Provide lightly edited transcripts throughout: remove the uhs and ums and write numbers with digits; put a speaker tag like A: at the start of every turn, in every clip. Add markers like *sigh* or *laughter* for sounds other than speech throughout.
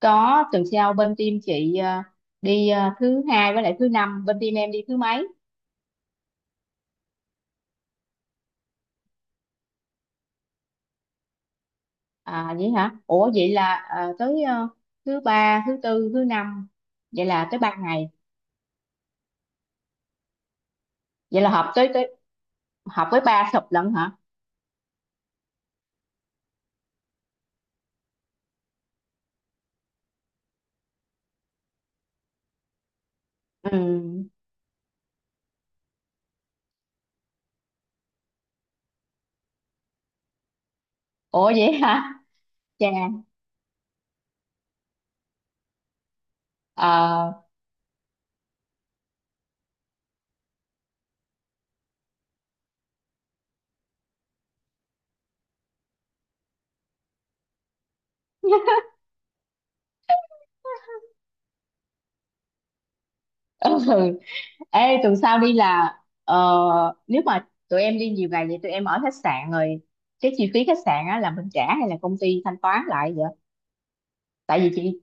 A: Có, tuần sau bên team chị đi thứ hai với lại thứ năm. Bên team em đi thứ mấy? À vậy hả? Ủa vậy là tới thứ ba, thứ tư, thứ năm. Vậy là tới ba ngày. Vậy là họp tới tới họp với ba sập lận hả? Ừ. Ủa vậy hả? Chà. Ờ. *laughs* Ừ. Ê, tuần sau đi là ờ, nếu mà tụi em đi nhiều ngày vậy tụi em ở khách sạn rồi, cái chi phí khách sạn á là mình trả hay là công ty thanh toán lại vậy? Tại vì chị,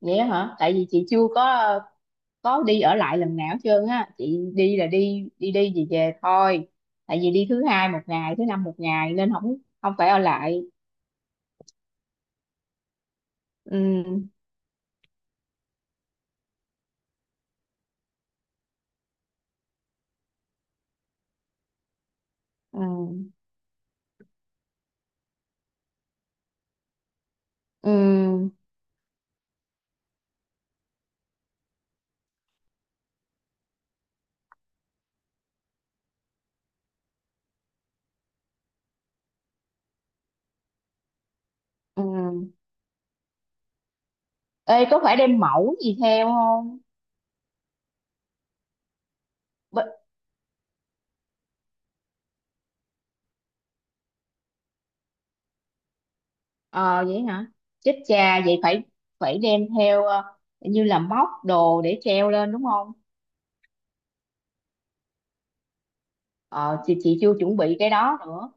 A: vậy á hả? Tại vì chị chưa có đi ở lại lần nào hết trơn á. Chị đi là đi đi đi về về thôi, tại vì đi thứ hai một ngày, thứ năm một ngày nên không không phải ở lại. Ừ, ừ, ừ, ừ. Ê, có phải đem mẫu gì theo không? B. Ờ vậy hả? Chết cha, vậy phải phải đem theo như là móc đồ để treo lên đúng không? Ờ, chị chưa chuẩn bị cái đó nữa.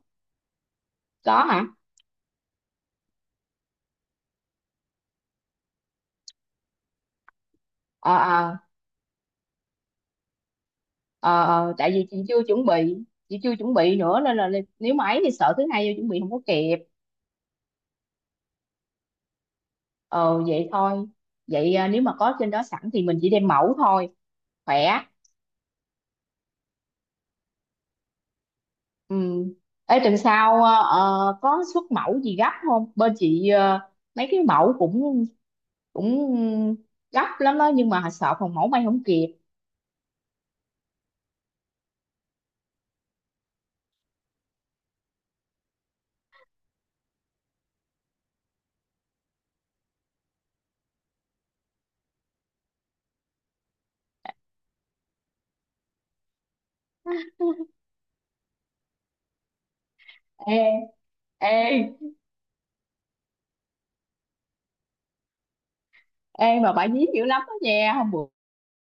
A: Có hả? Ờ, ờ. Ờ, ờ, tại vì chị chưa chuẩn bị nữa, nên là nếu mà ấy thì sợ thứ hai vô chuẩn bị không có kịp. Ờ vậy thôi. Vậy à, nếu mà có trên đó sẵn thì mình chỉ đem mẫu thôi, khỏe. Ừ. Ê, tuần sau à, có xuất mẫu gì gấp không? Bên chị mấy cái mẫu cũng cũng gấp lắm đó, nhưng mà sợ phòng mẫu may không kịp. Ê ê ê mà bà dí dữ lắm đó nha. Hôm bữa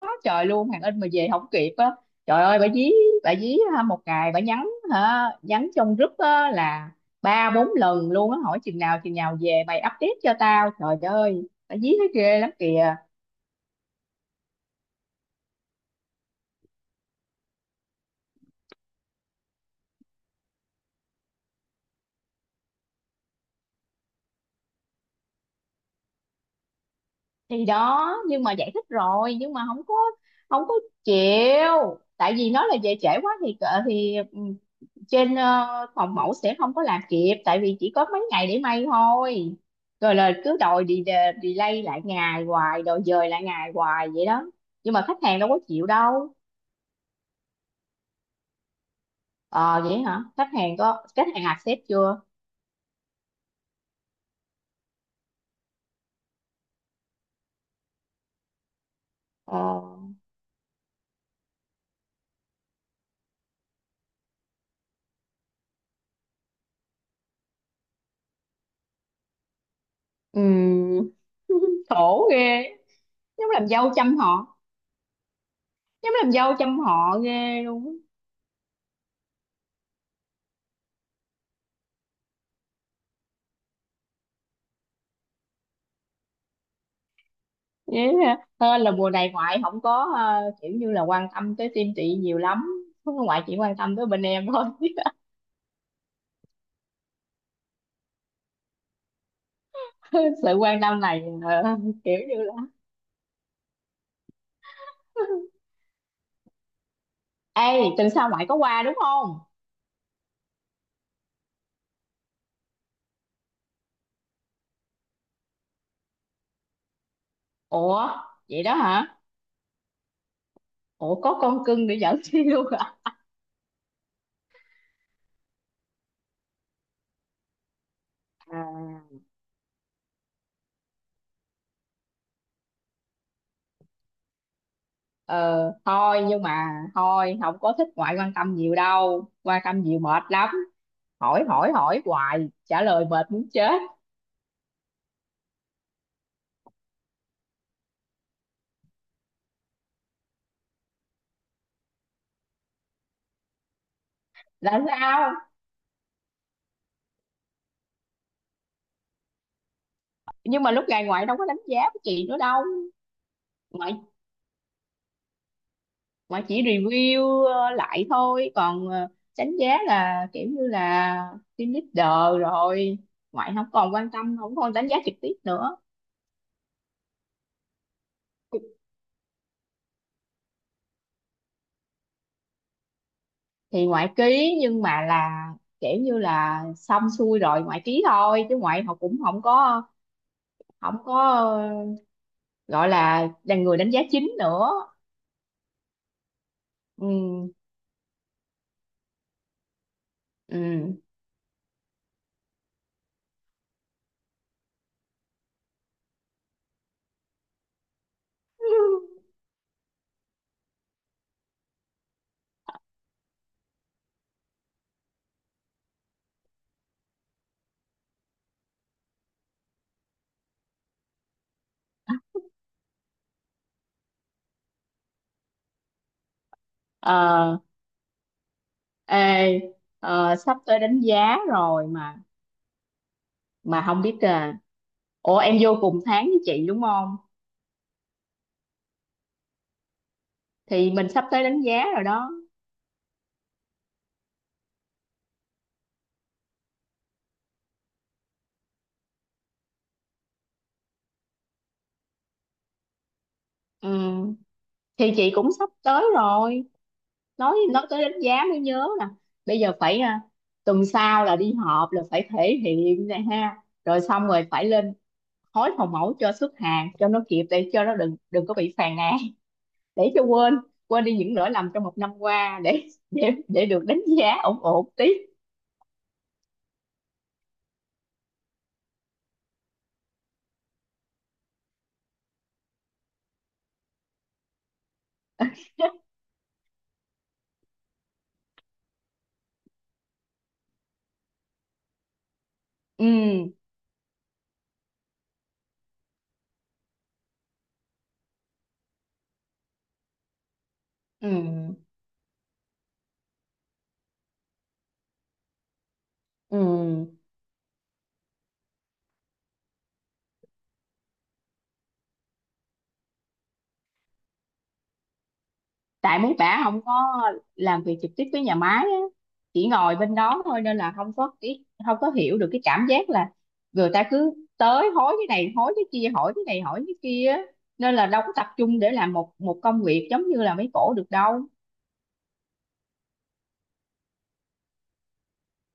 A: quá trời luôn, hàng in mà về không kịp á. Trời ơi bà dí, bà dí ha, một ngày bà nhắn hả, nhắn trong group á là ba bốn lần luôn á, hỏi chừng nào về mày update cho tao. Trời ơi, bà dí nó ghê lắm kìa. Thì đó, nhưng mà giải thích rồi, nhưng mà không có chịu, tại vì nó là về trễ quá thì ừ, trên phòng mẫu sẽ không có làm kịp, tại vì chỉ có mấy ngày để may thôi. Rồi là cứ đòi đi delay lại ngày hoài, đòi dời lại ngày hoài vậy đó. Nhưng mà khách hàng đâu có chịu đâu. Ờ vậy hả? Khách hàng accept chưa? Ờ. Ừm. *laughs* Khổ ghê. Giống làm dâu chăm họ, giống làm dâu chăm họ ghê luôn á. Với hơn là mùa này ngoại không có kiểu như là quan tâm tới team chị nhiều lắm, ngoại chỉ quan tâm tới bên em thôi. *laughs* Sự quan tâm này kiểu như là. *laughs* Ê, tuần sau ngoại có qua đúng không? Ủa vậy đó hả? Ủa, có con cưng để dẫn đi *laughs* luôn hả? À. ờ Thôi, nhưng mà thôi không có thích ngoại quan tâm nhiều đâu, quan tâm nhiều mệt lắm. Hỏi hỏi hỏi hoài, trả lời mệt muốn chết. Là sao? Nhưng mà lúc này ngoại đâu có đánh giá của chị nữa đâu. Ngoại ngoại chỉ review lại thôi, còn đánh giá là kiểu như là team leader rồi, ngoại không còn quan tâm, không còn đánh giá trực tiếp nữa. Thì ngoại ký, nhưng mà là kiểu như là xong xuôi rồi ngoại ký thôi, chứ ngoại họ cũng không có gọi là người đánh giá chính nữa. Ừ. Ừ. Ờ. Ê. Sắp tới đánh giá rồi mà không biết à. Ủa em vô cùng tháng với chị đúng không? Thì mình sắp tới đánh giá rồi đó. Ừ. Thì chị cũng sắp tới rồi. Nói tới đánh giá mới nhớ nè, bây giờ phải tuần sau là đi họp là phải thể hiện này ha, rồi xong rồi phải lên hối phòng mẫu cho xuất hàng cho nó kịp để cho nó đừng đừng có bị phàn nàn, để cho quên, quên đi những lỗi lầm trong một năm qua để được đánh giá ổn ổn tí. *laughs* Ừ. Ừ. Ừ. Tại mấy bả không có làm việc trực tiếp với nhà máy á, chỉ ngồi bên đó thôi, nên là không có hiểu được cái cảm giác là người ta cứ tới hối cái này hối cái kia, hỏi cái này hỏi cái kia á. Nên là đâu có tập trung để làm một một công việc giống như là mấy cổ được đâu.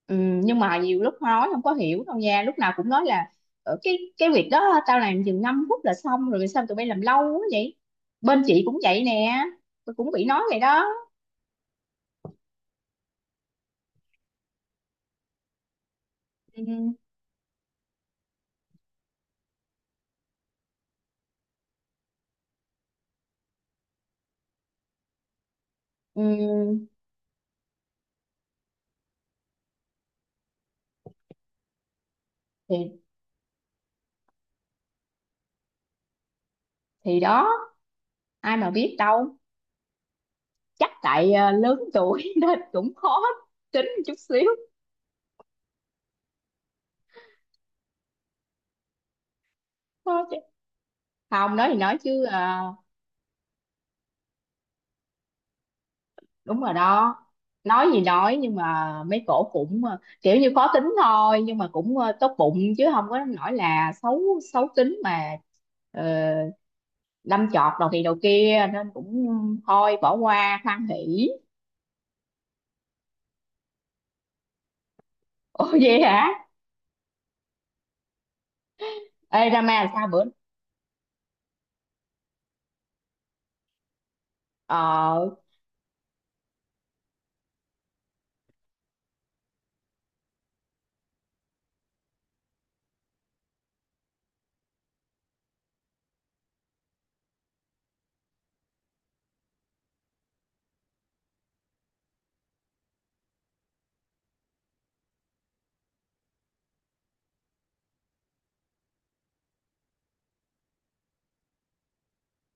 A: Ừ. Nhưng mà nhiều lúc nói không có hiểu đâu nha, lúc nào cũng nói là: "Ờ, cái việc đó tao làm chừng 5 phút là xong rồi, sao tụi bay làm lâu quá vậy?" Bên chị cũng vậy nè, tôi cũng bị nói vậy đó. Ừ. Ừ. thì thì đó, ai mà biết đâu. Chắc tại lớn tuổi *laughs* nên cũng khó tính chút xíu thôi. Chứ không, nói thì nói chứ đúng rồi đó. Nói gì nói, nhưng mà mấy cổ cũng kiểu như khó tính thôi, nhưng mà cũng tốt bụng, chứ không có nói là xấu, xấu tính mà. Ờ, đâm chọt đầu thì đầu kia, nên cũng thôi, bỏ qua hoan hỉ. Ồ vậy hả? Ê, Rama sao bữa. Ờ.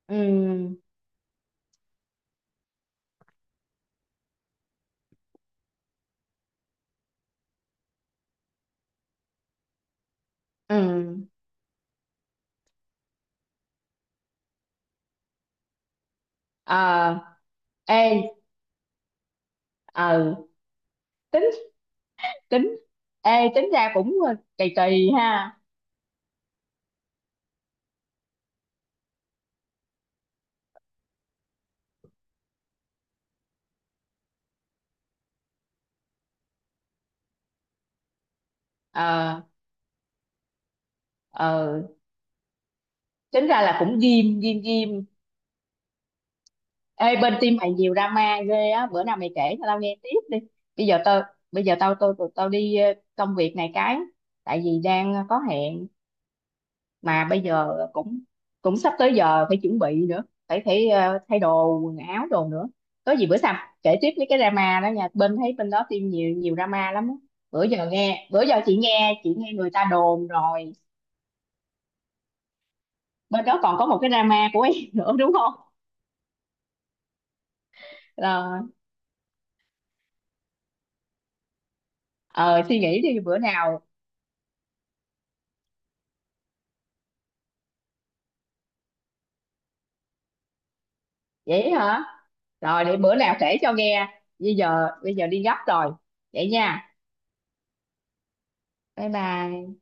A: Ừ. Ừ. Ờ. Ê. Ừ. Tính. Ê, tính ra cũng kỳ kỳ ha. Ờ. Ờ. Tính ra là cũng ghim ghim ghim. Ê, bên team mày nhiều drama ghê á, bữa nào mày kể cho tao nghe tiếp đi. Bây giờ tao, tao đi công việc này cái, tại vì đang có hẹn, mà bây giờ cũng cũng sắp tới giờ phải chuẩn bị nữa, phải phải ờ, thay đồ quần áo đồ nữa. Có gì bữa sau kể tiếp mấy cái drama đó nha, bên đó team nhiều nhiều drama lắm á. Bữa giờ nghe, bữa giờ chị nghe, chị nghe người ta đồn rồi. Bên đó còn có một cái drama của em *laughs* nữa đúng không? Là ờ, suy nghĩ đi bữa nào. Vậy hả? Rồi, để bữa nào kể cho nghe, bây giờ đi gấp rồi. Vậy nha. Bye bye.